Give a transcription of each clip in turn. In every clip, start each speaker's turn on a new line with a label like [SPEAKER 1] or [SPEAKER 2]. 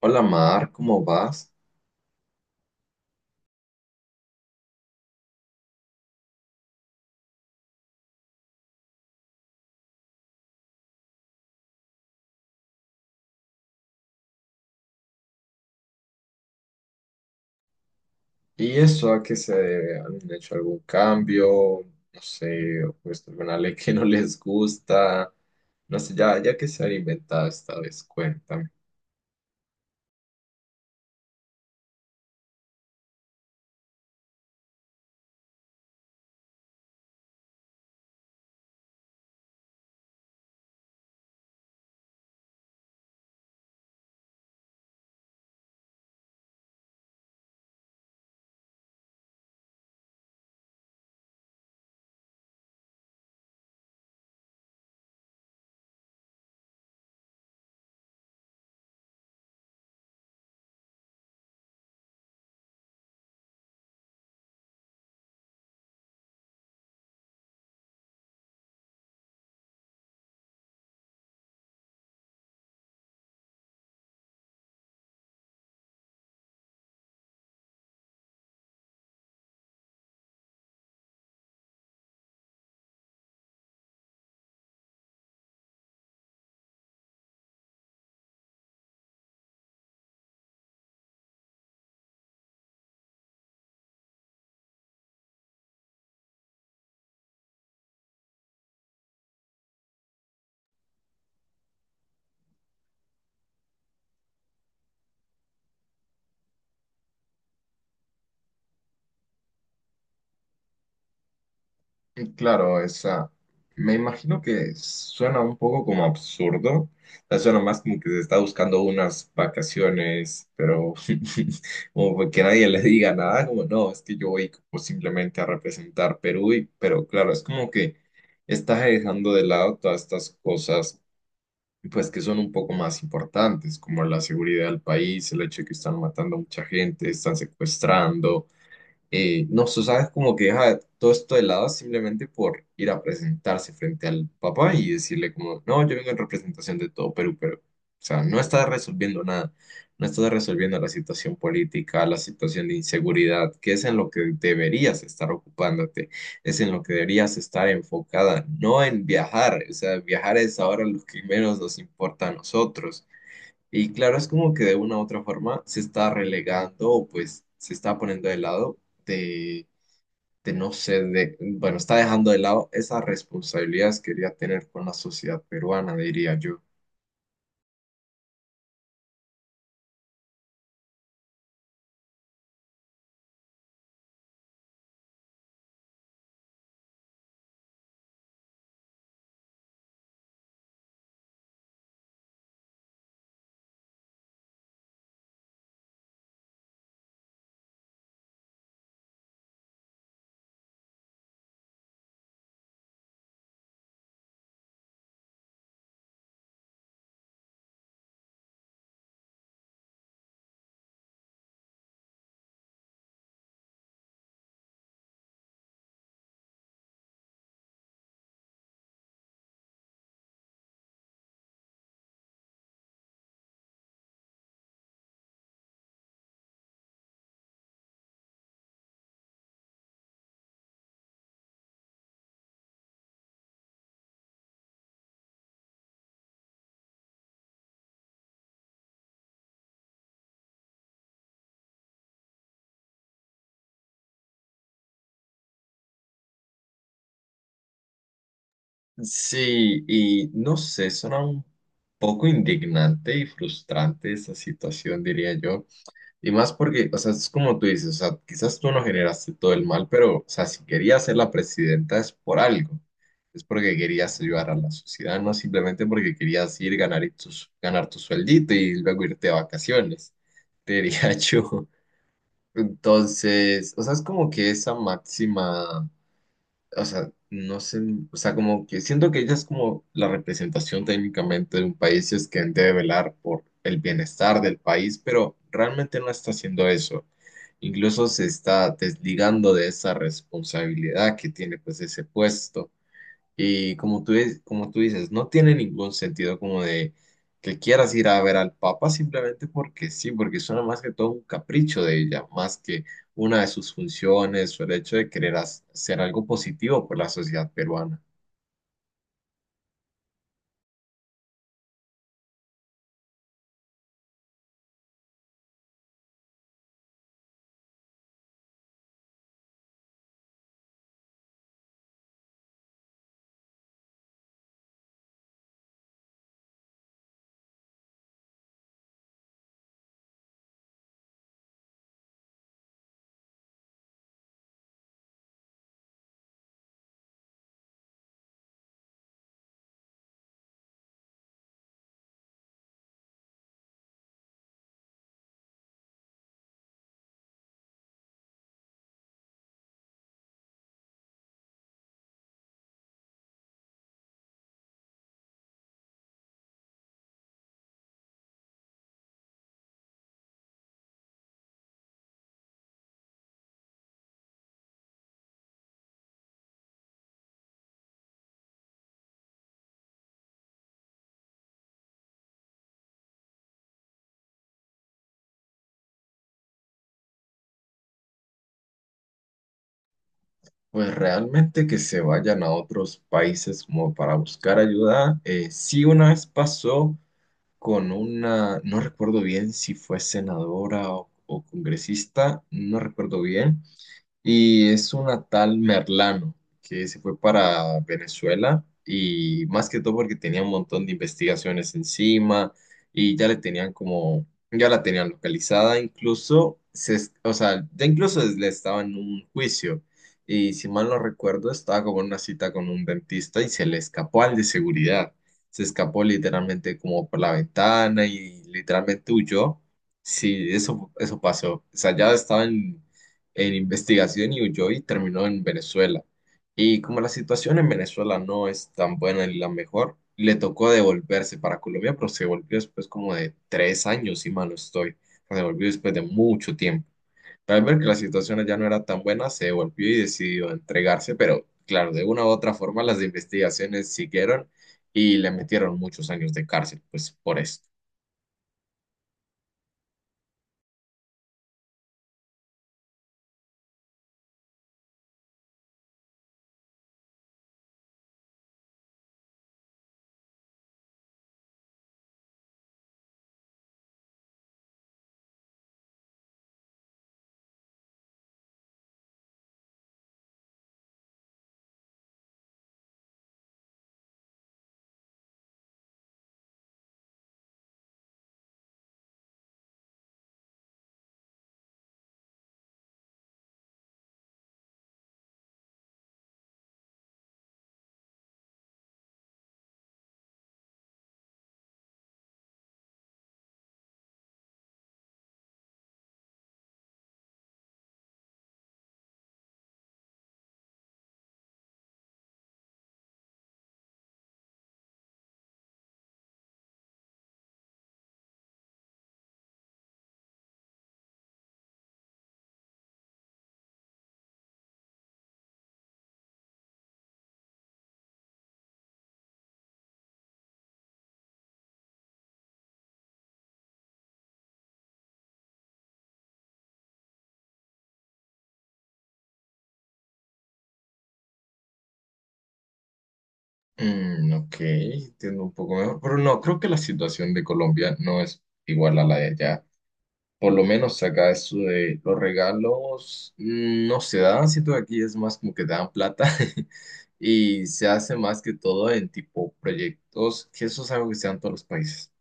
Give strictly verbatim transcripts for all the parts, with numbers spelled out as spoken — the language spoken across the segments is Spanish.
[SPEAKER 1] Hola Mar, ¿cómo vas? ¿Y eso a qué se debe? ¿Han hecho algún cambio? No sé, o puesto alguna ley que no les gusta. No sé, ya, ya que se han inventado esta vez, cuéntame. Y claro, esa. Me imagino que suena un poco como absurdo. O sea, suena más como que se está buscando unas vacaciones, pero como que nadie le diga nada, como no, es que yo voy como simplemente a representar Perú, y, pero claro, es como que estás dejando de lado todas estas cosas, pues que son un poco más importantes, como la seguridad del país, el hecho de que están matando a mucha gente, están secuestrando eh, no sé, sabes, como que deja todo esto de lado simplemente por ir a presentarse frente al papá y decirle como, no, yo vengo en representación de todo Perú, pero, o sea, no está resolviendo nada, no está resolviendo la situación política, la situación de inseguridad, que es en lo que deberías estar ocupándote, es en lo que deberías estar enfocada, no en viajar, o sea, viajar es ahora lo que menos nos importa a nosotros. Y claro, es como que de una u otra forma se está relegando o pues se está poniendo de lado de, de no sé, de, bueno, está dejando de lado esas responsabilidades que quería tener con la sociedad peruana, diría yo. Sí, y no sé, suena un poco indignante y frustrante esa situación, diría yo. Y más porque, o sea, es como tú dices, o sea, quizás tú no generaste todo el mal, pero, o sea, si querías ser la presidenta es por algo. Es porque querías ayudar a la sociedad, no simplemente porque querías ir ganar, y tus- ganar tu sueldito y luego irte de vacaciones, te diría yo. Entonces, o sea, es como que esa máxima o sea, no sé, o sea, como que siento que ella es como la representación técnicamente de un país y es quien debe velar por el bienestar del país, pero realmente no está haciendo eso. Incluso se está desligando de esa responsabilidad que tiene pues ese puesto. Y como tú, es- como tú dices, no tiene ningún sentido como de que quieras ir a ver al Papa simplemente porque sí, porque suena más que todo un capricho de ella, más que una de sus funciones o el hecho de querer hac- hacer algo positivo por la sociedad peruana. Pues realmente que se vayan a otros países como para buscar ayuda. Eh, sí, una vez pasó con una, no recuerdo bien si fue senadora o o congresista, no recuerdo bien. Y es una tal Merlano que se fue para Venezuela y más que todo porque tenía un montón de investigaciones encima y ya le tenían como, ya la tenían localizada, incluso, se, es- o sea, ya incluso es- le estaba en un juicio y si mal no recuerdo estaba como en una cita con un dentista y se le escapó al de seguridad, se escapó literalmente como por la ventana y literalmente huyó. Sí, eso, eso pasó. O sea, ya estaban en investigación y huyó y terminó en Venezuela. Y como la situación en Venezuela no es tan buena ni la mejor, le tocó devolverse para Colombia, pero se volvió después como de tres años, si mal no estoy. Se volvió después de mucho tiempo. Pero al ver que la situación allá no era tan buena, se devolvió y decidió entregarse, pero claro, de una u otra forma las investigaciones siguieron y le metieron muchos años de cárcel, pues por eso. Mm, ok, entiendo un poco mejor, pero no, creo que la situación de Colombia no es igual a la de allá. Por lo menos acá eso de los regalos mm, no se dan, siento que aquí es más como que te dan plata y se hace más que todo en tipo proyectos, que eso es algo que se dan en todos los países.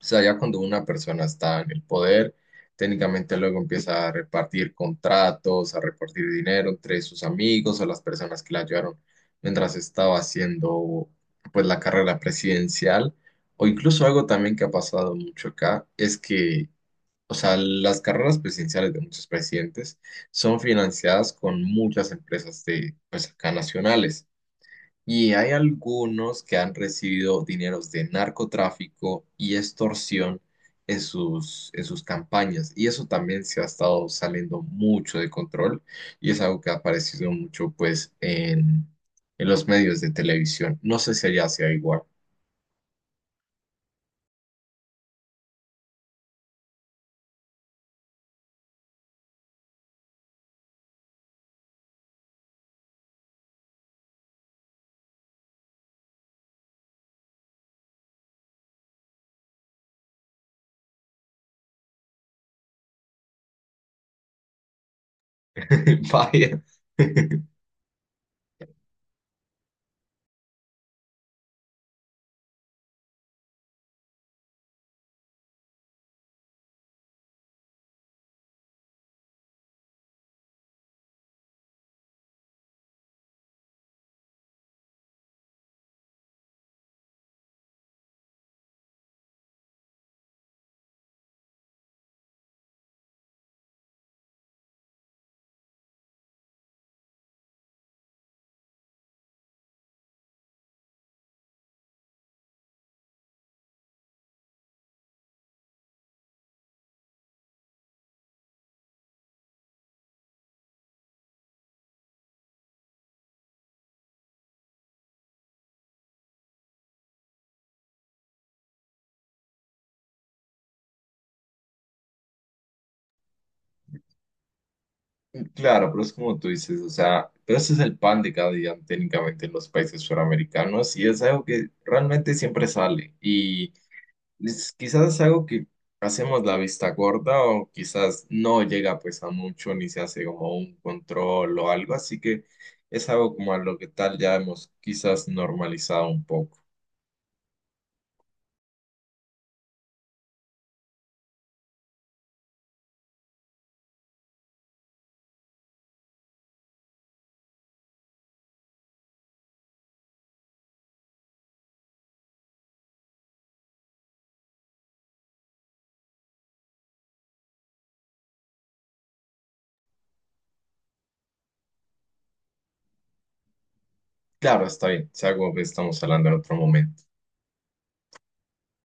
[SPEAKER 1] O sea, ya cuando una persona está en el poder, técnicamente luego empieza a repartir contratos, a repartir dinero entre sus amigos o las personas que la ayudaron mientras estaba haciendo pues la carrera presidencial. O incluso algo también que ha pasado mucho acá es que, o sea, las carreras presidenciales de muchos presidentes son financiadas con muchas empresas de pues acá nacionales. Y hay algunos que han recibido dineros de narcotráfico y extorsión en sus, en sus campañas. Y eso también se ha estado saliendo mucho de control y es algo que ha aparecido mucho pues en, en los medios de televisión. No sé si allá sea igual. Vaya. Claro, pero es como tú dices, o sea, pero ese es el pan de cada día técnicamente en los países suramericanos y es algo que realmente siempre sale. Y es quizás algo que hacemos la vista gorda o quizás no llega pues a mucho ni se hace como un control o algo, así que es algo como a lo que tal ya hemos quizás normalizado un poco. Claro, está bien, es algo que estamos hablando en otro momento.